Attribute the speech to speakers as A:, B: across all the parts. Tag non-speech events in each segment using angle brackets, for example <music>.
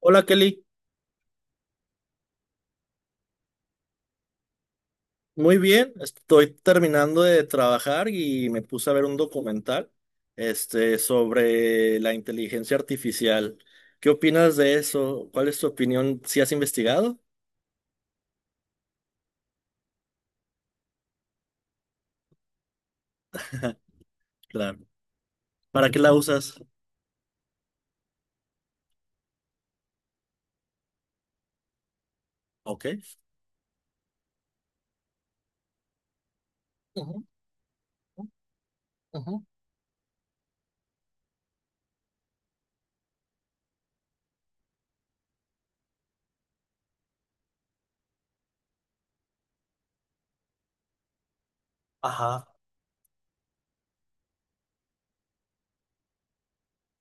A: Hola Kelly, muy bien, estoy terminando de trabajar y me puse a ver un documental sobre la inteligencia artificial. ¿Qué opinas de eso? ¿Cuál es tu opinión? ¿Si has investigado? <laughs> Claro. ¿Para qué la usas? Ok. Ujú, ujú. Ajá.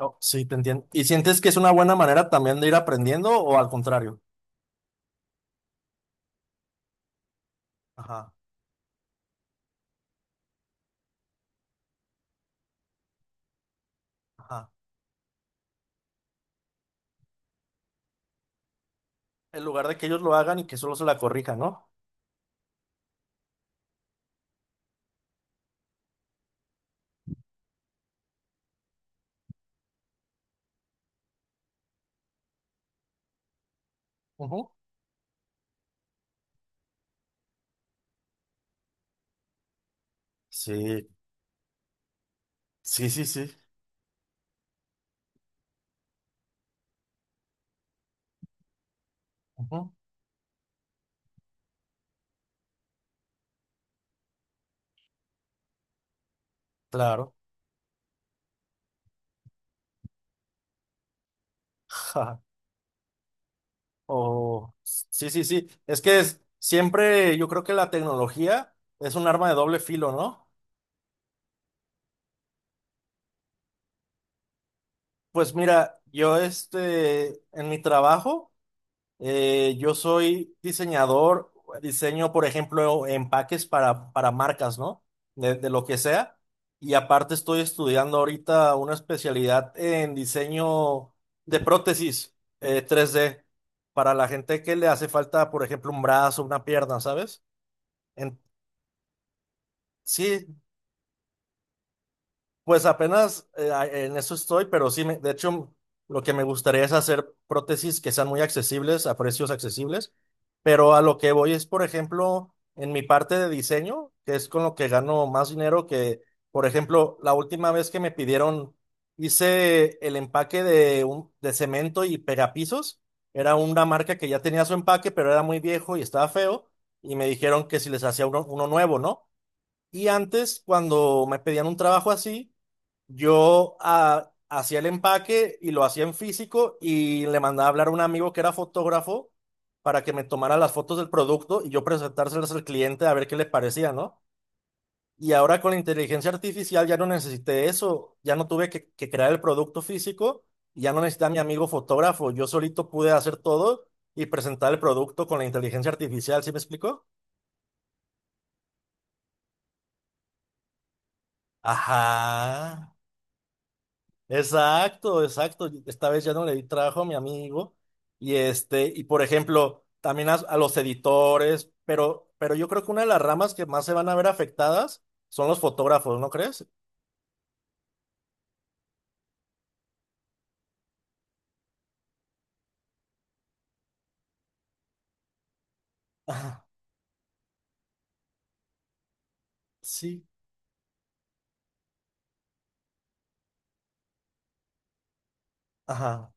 A: Oh, sí, te entiendo. ¿Y sientes que es una buena manera también de ir aprendiendo o al contrario? Ajá, ajá. En lugar de que ellos lo hagan y que solo se la corrijan, ¿no? Ujú. Sí, sí, sí, sí. Ujú. Claro. <laughs> Oh, sí, sí, sí. Es que es, siempre yo creo que la tecnología es un arma de doble filo, ¿no? Pues mira, yo en mi trabajo, yo soy diseñador, diseño, por ejemplo, empaques para marcas, ¿no? De lo que sea. Y aparte estoy estudiando ahorita una especialidad en diseño de prótesis, 3D, para la gente que le hace falta, por ejemplo, un brazo, una pierna, ¿sabes? En- Sí, pues apenas en eso estoy, pero sí, de hecho, lo que me gustaría es hacer prótesis que sean muy accesibles, a precios accesibles, pero a lo que voy es, por ejemplo, en mi parte de diseño, que es con lo que gano más dinero, que, por ejemplo, la última vez que me pidieron, hice el empaque de cemento y pegapisos, era una marca que ya tenía su empaque, pero era muy viejo y estaba feo, y me dijeron que si les hacía uno nuevo, ¿no? Y antes, cuando me pedían un trabajo así, yo hacía el empaque y lo hacía en físico y le mandaba a hablar a un amigo que era fotógrafo para que me tomara las fotos del producto y yo presentárselas al cliente a ver qué le parecía, ¿no? Y ahora con la inteligencia artificial ya no necesité eso, ya no tuve que crear el producto físico, ya no necesité a mi amigo fotógrafo, yo solito pude hacer todo y presentar el producto con la inteligencia artificial, ¿sí me explico? Ajá. Exacto, exacto. Esta vez ya no le di trabajo a mi amigo. Y este, y por ejemplo, también a los editores, pero yo creo que una de las ramas que más se van a ver afectadas son los fotógrafos, ¿no crees? Ajá, sí, ajá.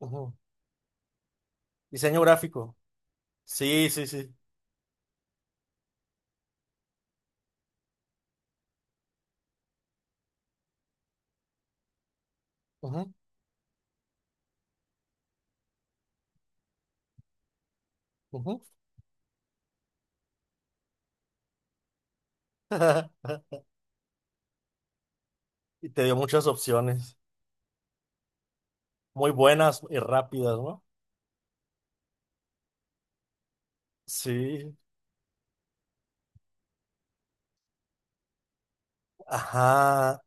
A: Ujú. Diseño gráfico. Sí, sí, sí. Ujú, ujú. <laughs> Y te dio muchas opciones, muy buenas y rápidas, ¿no? Sí, ajá,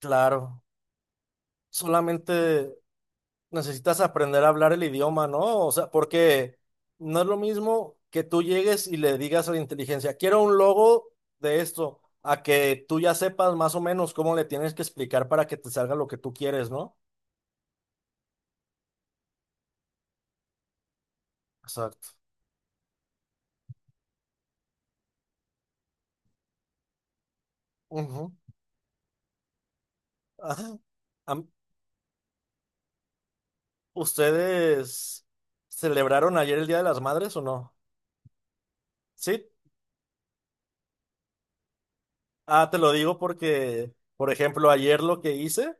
A: claro. Solamente necesitas aprender a hablar el idioma, ¿no? O sea, porque no es lo mismo que tú llegues y le digas a la inteligencia, quiero un logo de esto, a que tú ya sepas más o menos cómo le tienes que explicar para que te salga lo que tú quieres, ¿no? Exacto. Ujú. Ajá. Am- ¿Ustedes celebraron ayer el Día de las Madres o no? Sí. Ah, te lo digo porque, por ejemplo, ayer lo que hice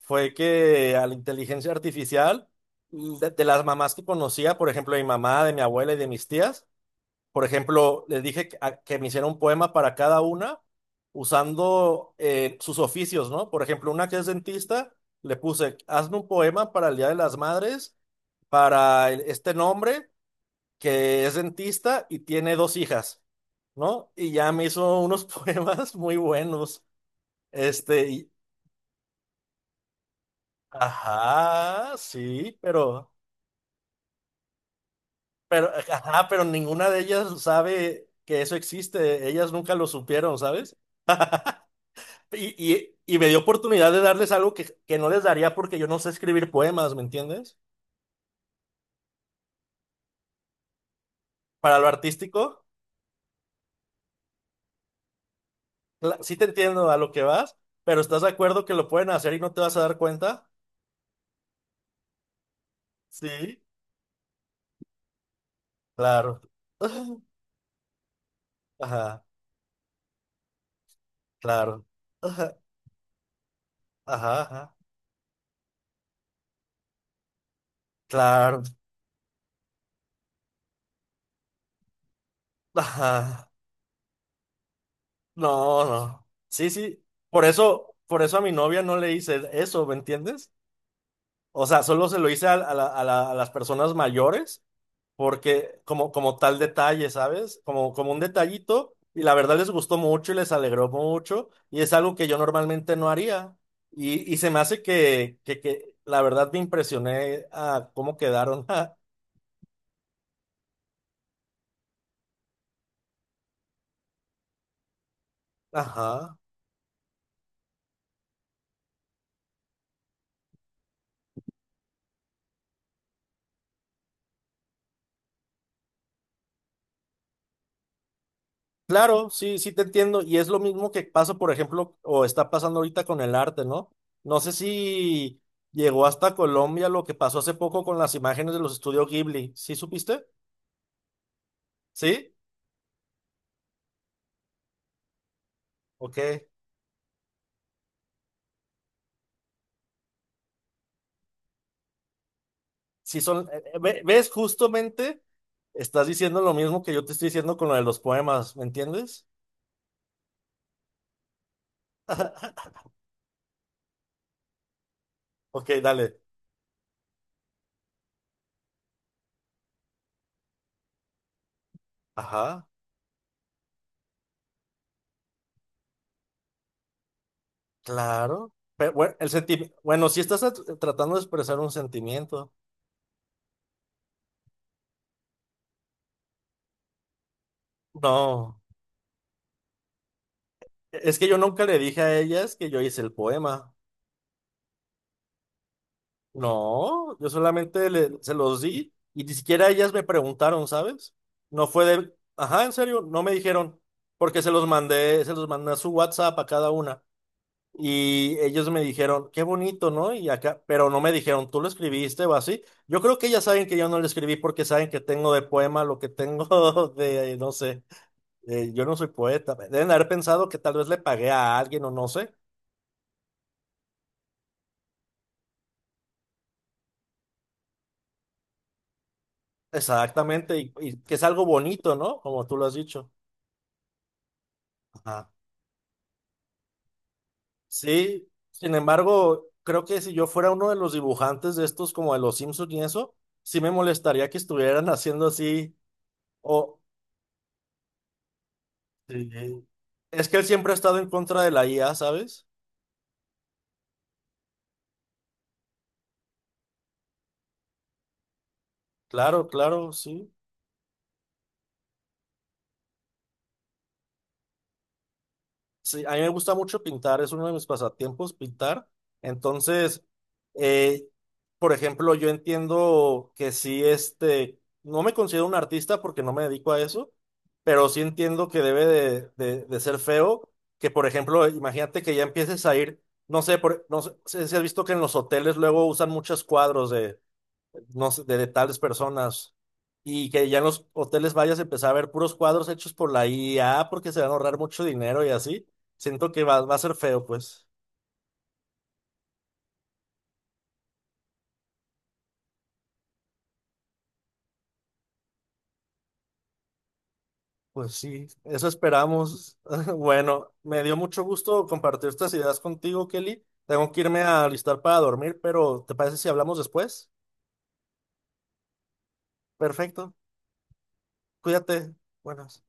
A: fue que a la inteligencia artificial, de las mamás que conocía, por ejemplo, de mi mamá, de mi abuela y de mis tías, por ejemplo, les dije que me hiciera un poema para cada una usando sus oficios, ¿no? Por ejemplo, una que es dentista, le puse, hazme un poema para el Día de las Madres, para este nombre que es dentista y tiene dos hijas, ¿no? Y ya me hizo unos <laughs> poemas muy buenos. Este, y- ajá, sí, ajá, pero ninguna de ellas sabe que eso existe. Ellas nunca lo supieron, ¿sabes? Y me dio oportunidad de darles algo que no les daría porque yo no sé escribir poemas, ¿me entiendes? Para lo artístico, sí te entiendo a lo que vas, pero ¿estás de acuerdo que lo pueden hacer y no te vas a dar cuenta? Sí, claro. <laughs> Ajá, claro. Ajá, ajá, ajá, claro. Ajá. No, no. Sí, sí. Por eso a mi novia no le hice eso, ¿me entiendes? O sea, solo se lo hice a las personas mayores, porque como, como tal detalle, ¿sabes? Como, como un detallito, y la verdad les gustó mucho y les alegró mucho, y es algo que yo normalmente no haría. Y se me hace que la verdad me impresioné a cómo quedaron. <laughs> Ajá. Claro, sí, sí te entiendo. Y es lo mismo que pasa, por ejemplo, o está pasando ahorita con el arte, ¿no? No sé si llegó hasta Colombia lo que pasó hace poco con las imágenes de los estudios Ghibli. ¿Sí supiste? ¿Sí? Ok. Sí son, ves, justamente estás diciendo lo mismo que yo te estoy diciendo con lo de los poemas, ¿me entiendes? <laughs> Ok, dale. Ajá, claro. Pero, bueno, el sentimiento, bueno, si estás tratando de expresar un sentimiento. No. Es que yo nunca le dije a ellas que yo hice el poema. No, yo solamente se los di y ni siquiera ellas me preguntaron, ¿sabes? No fue de, ajá, en serio, no me dijeron, porque se los mandé a su WhatsApp a cada una y ellos me dijeron, qué bonito, ¿no? Y acá, pero no me dijeron, tú lo escribiste o así. Yo creo que ellas saben que yo no lo escribí porque saben que tengo de poema lo que tengo <laughs> de, no sé, yo no soy poeta. Deben haber pensado que tal vez le pagué a alguien o no sé. Exactamente, y que es algo bonito, ¿no? Como tú lo has dicho. Ajá. Sí, sin embargo, creo que si yo fuera uno de los dibujantes de estos, como de los Simpsons y eso, sí me molestaría que estuvieran haciendo así. O Sí. Es que él siempre ha estado en contra de la IA, ¿sabes? Claro, claro, sí. Sí, a mí me gusta mucho pintar, es uno de mis pasatiempos pintar. Entonces, eh, por ejemplo, yo entiendo que sí, no me considero un artista porque no me dedico a eso, pero sí entiendo que debe de ser feo, que por ejemplo, imagínate que ya empieces a ir, no sé, no sé si has visto que en los hoteles luego usan muchos cuadros de, no sé, de tales personas. Y que ya en los hoteles vayas a empezar a ver puros cuadros hechos por la IA porque se van a ahorrar mucho dinero y así. Siento que va a ser feo, pues. Pues sí, eso esperamos. <laughs> Bueno, me dio mucho gusto compartir estas ideas contigo, Kelly. Tengo que irme a alistar para dormir, pero ¿te parece si hablamos después? Perfecto. Cuídate. Buenas.